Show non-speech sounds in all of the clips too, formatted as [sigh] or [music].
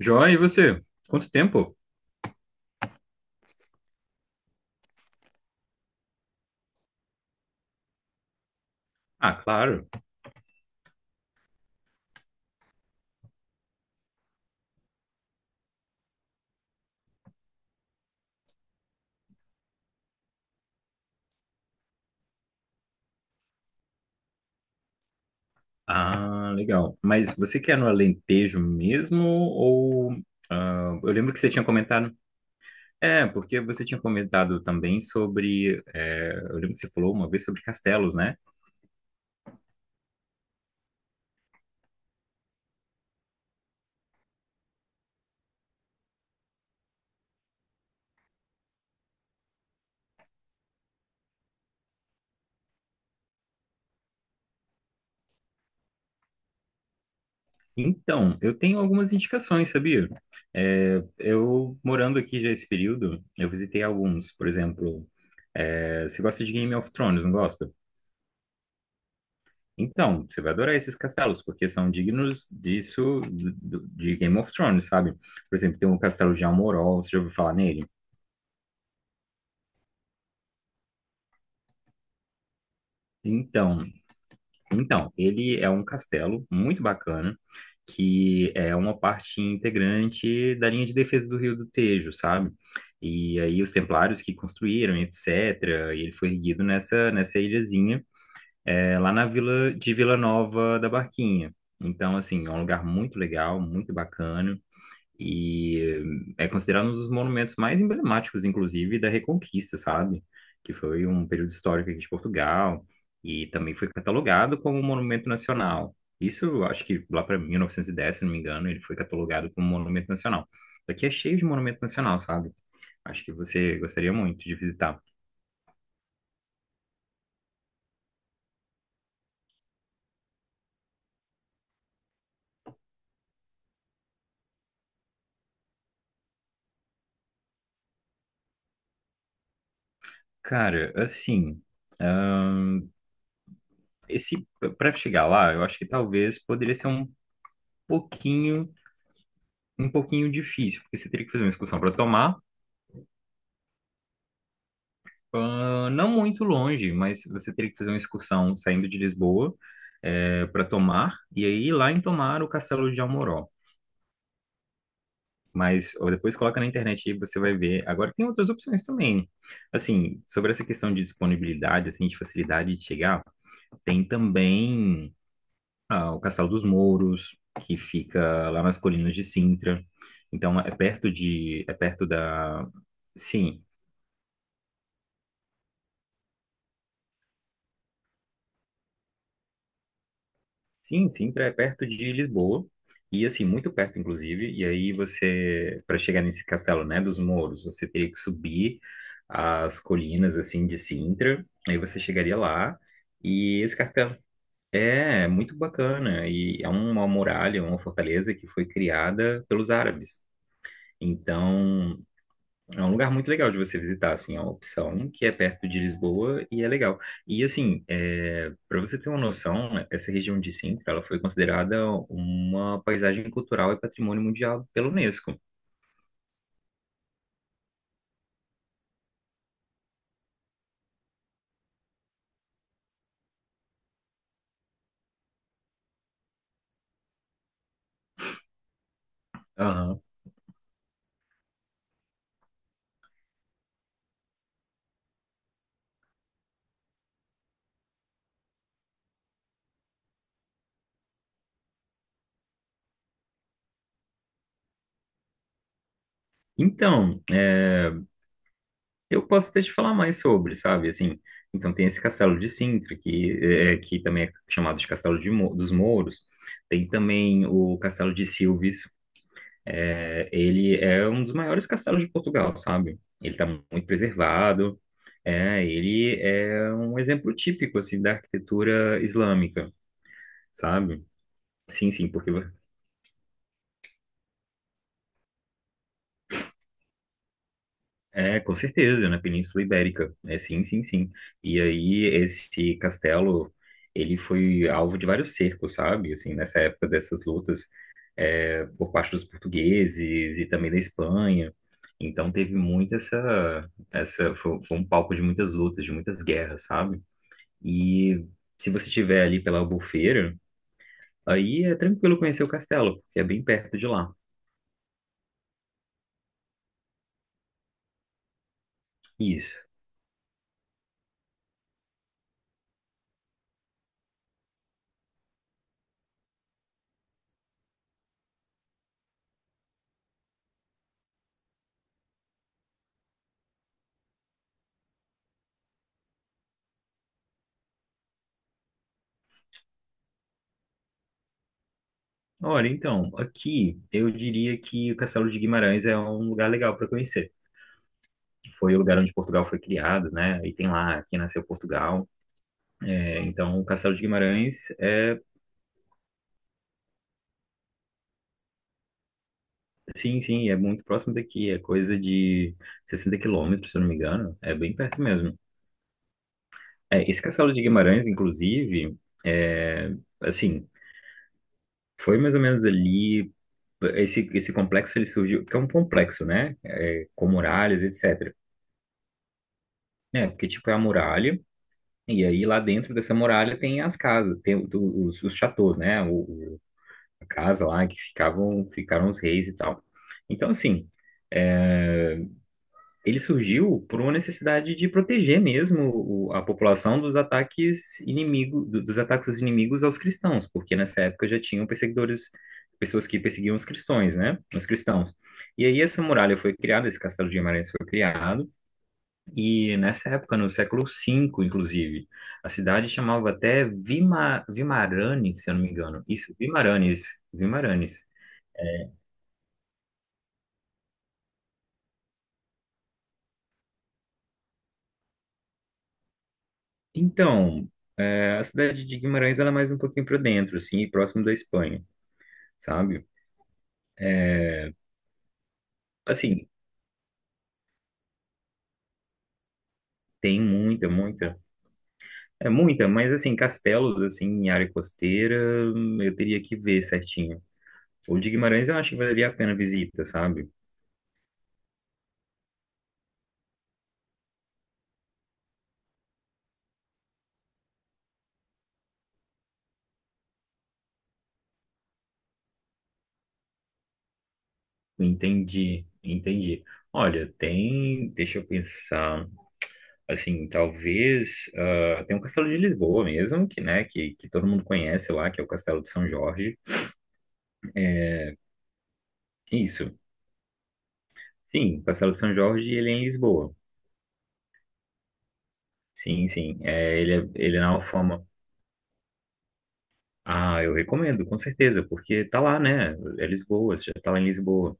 Joia, e você? Quanto tempo? Ah, claro. Ah, legal. Mas você quer no Alentejo mesmo ou... ah, eu lembro que você tinha comentado... É, porque você tinha comentado também sobre... eu lembro que você falou uma vez sobre castelos, né? Então, eu tenho algumas indicações, sabia? Eu, morando aqui já esse período, eu visitei alguns. Por exemplo, você gosta de Game of Thrones, não gosta? Então, você vai adorar esses castelos, porque são dignos disso, de Game of Thrones, sabe? Por exemplo, tem o castelo de Almorol, você já ouviu falar nele? Então, então, ele é um castelo muito bacana, que é uma parte integrante da linha de defesa do Rio do Tejo, sabe? E aí os templários que construíram, etc., e ele foi erguido nessa ilhazinha, é, lá na vila de Vila Nova da Barquinha. Então, assim, é um lugar muito legal, muito bacana. E é considerado um dos monumentos mais emblemáticos, inclusive, da Reconquista, sabe? Que foi um período histórico aqui de Portugal e também foi catalogado como um monumento nacional. Isso, eu acho que lá para 1910, se não me engano, ele foi catalogado como monumento nacional. Aqui é cheio de monumento nacional, sabe? Acho que você gostaria muito de visitar. Cara, assim, ah, esse para chegar lá, eu acho que talvez poderia ser pouquinho, um pouquinho difícil, porque você teria que fazer uma excursão para Tomar. Ah, não muito longe, mas você teria que fazer uma excursão saindo de Lisboa para Tomar, e aí lá em Tomar o Castelo de Almoró. Mas ou depois coloca na internet e você vai ver. Agora tem outras opções também. Assim, sobre essa questão de disponibilidade, assim, de facilidade de chegar, tem também ah, o Castelo dos Mouros, que fica lá nas colinas de Sintra. Então é perto de, é perto da, sim, Sim, Sintra é perto de Lisboa, e assim, muito perto, inclusive. E aí você, para chegar nesse castelo, né, dos Mouros, você teria que subir as colinas, assim, de Sintra, aí você chegaria lá, e esse castelo é muito bacana, e é uma muralha, uma fortaleza que foi criada pelos árabes. Então, é um lugar muito legal de você visitar, assim, é uma opção que é perto de Lisboa e é legal. E, assim, para você ter uma noção, né, essa região de Sintra, ela foi considerada uma paisagem cultural e patrimônio mundial pela Unesco. Aham. Então, eu posso até te falar mais sobre, sabe, assim, então tem esse castelo de Sintra, que também é chamado de Castelo de dos Mouros, tem também o Castelo de Silves. É, ele é um dos maiores castelos de Portugal, sabe? Ele está muito preservado. É, ele é um exemplo típico assim da arquitetura islâmica, sabe? Sim, sim, porque é com certeza na Península Ibérica. É, sim, sim, sim. E aí esse castelo, ele foi alvo de vários cercos, sabe? Assim, nessa época dessas lutas é, por parte dos portugueses e também da Espanha. Então teve muito essa, foi um palco de muitas lutas, de muitas guerras, sabe? E se você estiver ali pela Albufeira, aí é tranquilo conhecer o castelo, porque é bem perto de lá. Isso. Olha, então, aqui eu diria que o Castelo de Guimarães é um lugar legal para conhecer. Foi o lugar onde Portugal foi criado, né? E tem lá, aqui nasceu Portugal. É, então, o Castelo de Guimarães é sim, sim, é muito próximo daqui, é coisa de 60 km, se eu não me engano, é bem perto mesmo. É, esse Castelo de Guimarães, inclusive, é, assim, foi mais ou menos ali, esse complexo ele surgiu, que é um complexo, né, é, com muralhas, etc. É, porque tipo é a muralha, e aí lá dentro dessa muralha tem as casas, tem os chateaus, né, o- a casa lá que ficaram os reis e tal. Então, assim... é, ele surgiu por uma necessidade de proteger mesmo a população dos ataques inimigo, dos ataques dos inimigos aos cristãos, porque nessa época já tinham perseguidores, pessoas que perseguiam os cristãos, né? Os cristãos. E aí essa muralha foi criada, esse castelo de Guimarães foi criado, e nessa época, no século V, inclusive, a cidade chamava até Vimaranes, se eu não me engano. Isso, Vimaranes, Vimaranes. Então, é, a cidade de Guimarães ela é mais um pouquinho para dentro, assim, próximo da Espanha. Sabe? Assim, tem muita, muita. É muita, mas assim, castelos, assim, em área costeira, eu teria que ver certinho. O de Guimarães eu acho que valeria a pena a visita, sabe? Entendi, entendi. Olha, tem, deixa eu pensar, assim, talvez, ah, tem um castelo de Lisboa mesmo, que, né, que todo mundo conhece lá, que é o Castelo de São Jorge. Isso, sim, o Castelo de São Jorge, ele é em Lisboa. Sim, sim, é, ele é na Alfama. Ah, eu recomendo, com certeza, porque tá lá, né? É Lisboa, já tá lá em Lisboa.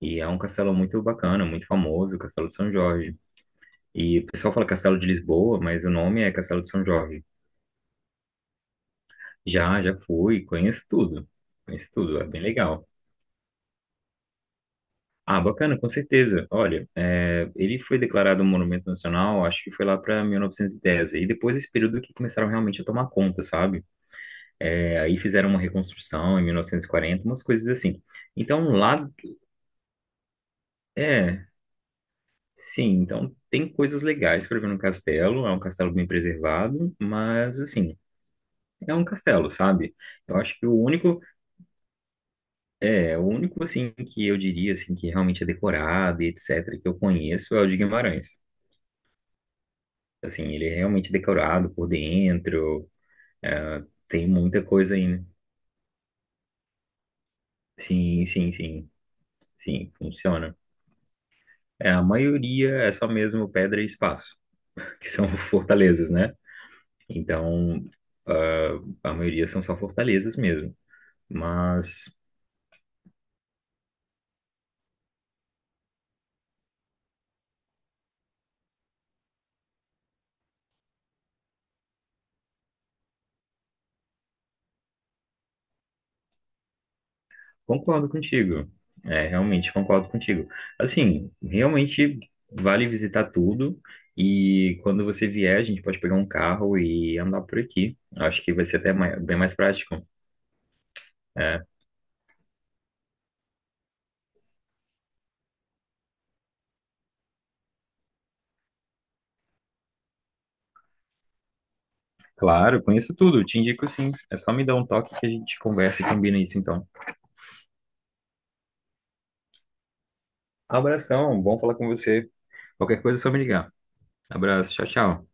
E é um castelo muito bacana, muito famoso, o Castelo de São Jorge. E o pessoal fala Castelo de Lisboa, mas o nome é Castelo de São Jorge. Já, já fui, conheço tudo. Conheço tudo, é bem legal. Ah, bacana, com certeza. Olha, é, ele foi declarado um monumento nacional, acho que foi lá para 1910. E dez. E depois esse período que começaram realmente a tomar conta, sabe? É, aí fizeram uma reconstrução em 1940, umas coisas assim. Então lá, é, sim, então tem coisas legais para ver no castelo. É um castelo bem preservado, mas assim, é um castelo, sabe? Eu acho que o único, é o único assim que eu diria assim que realmente é decorado e etc, que eu conheço é o de Guimarães. Assim, ele é realmente decorado por dentro, é, tem muita coisa aí, né? Sim, sim, sim, sim, funciona. É, a maioria é só mesmo pedra e espaço, que são [laughs] fortalezas, né? Então, ah, a maioria são só fortalezas mesmo. Mas concordo contigo. É, realmente concordo contigo. Assim, realmente vale visitar tudo. E quando você vier, a gente pode pegar um carro e andar por aqui. Acho que vai ser até bem mais prático. É, claro, conheço tudo. Te indico sim. É só me dar um toque que a gente conversa e combina isso então. Abração, bom falar com você. Qualquer coisa é só me ligar. Abraço, tchau, tchau.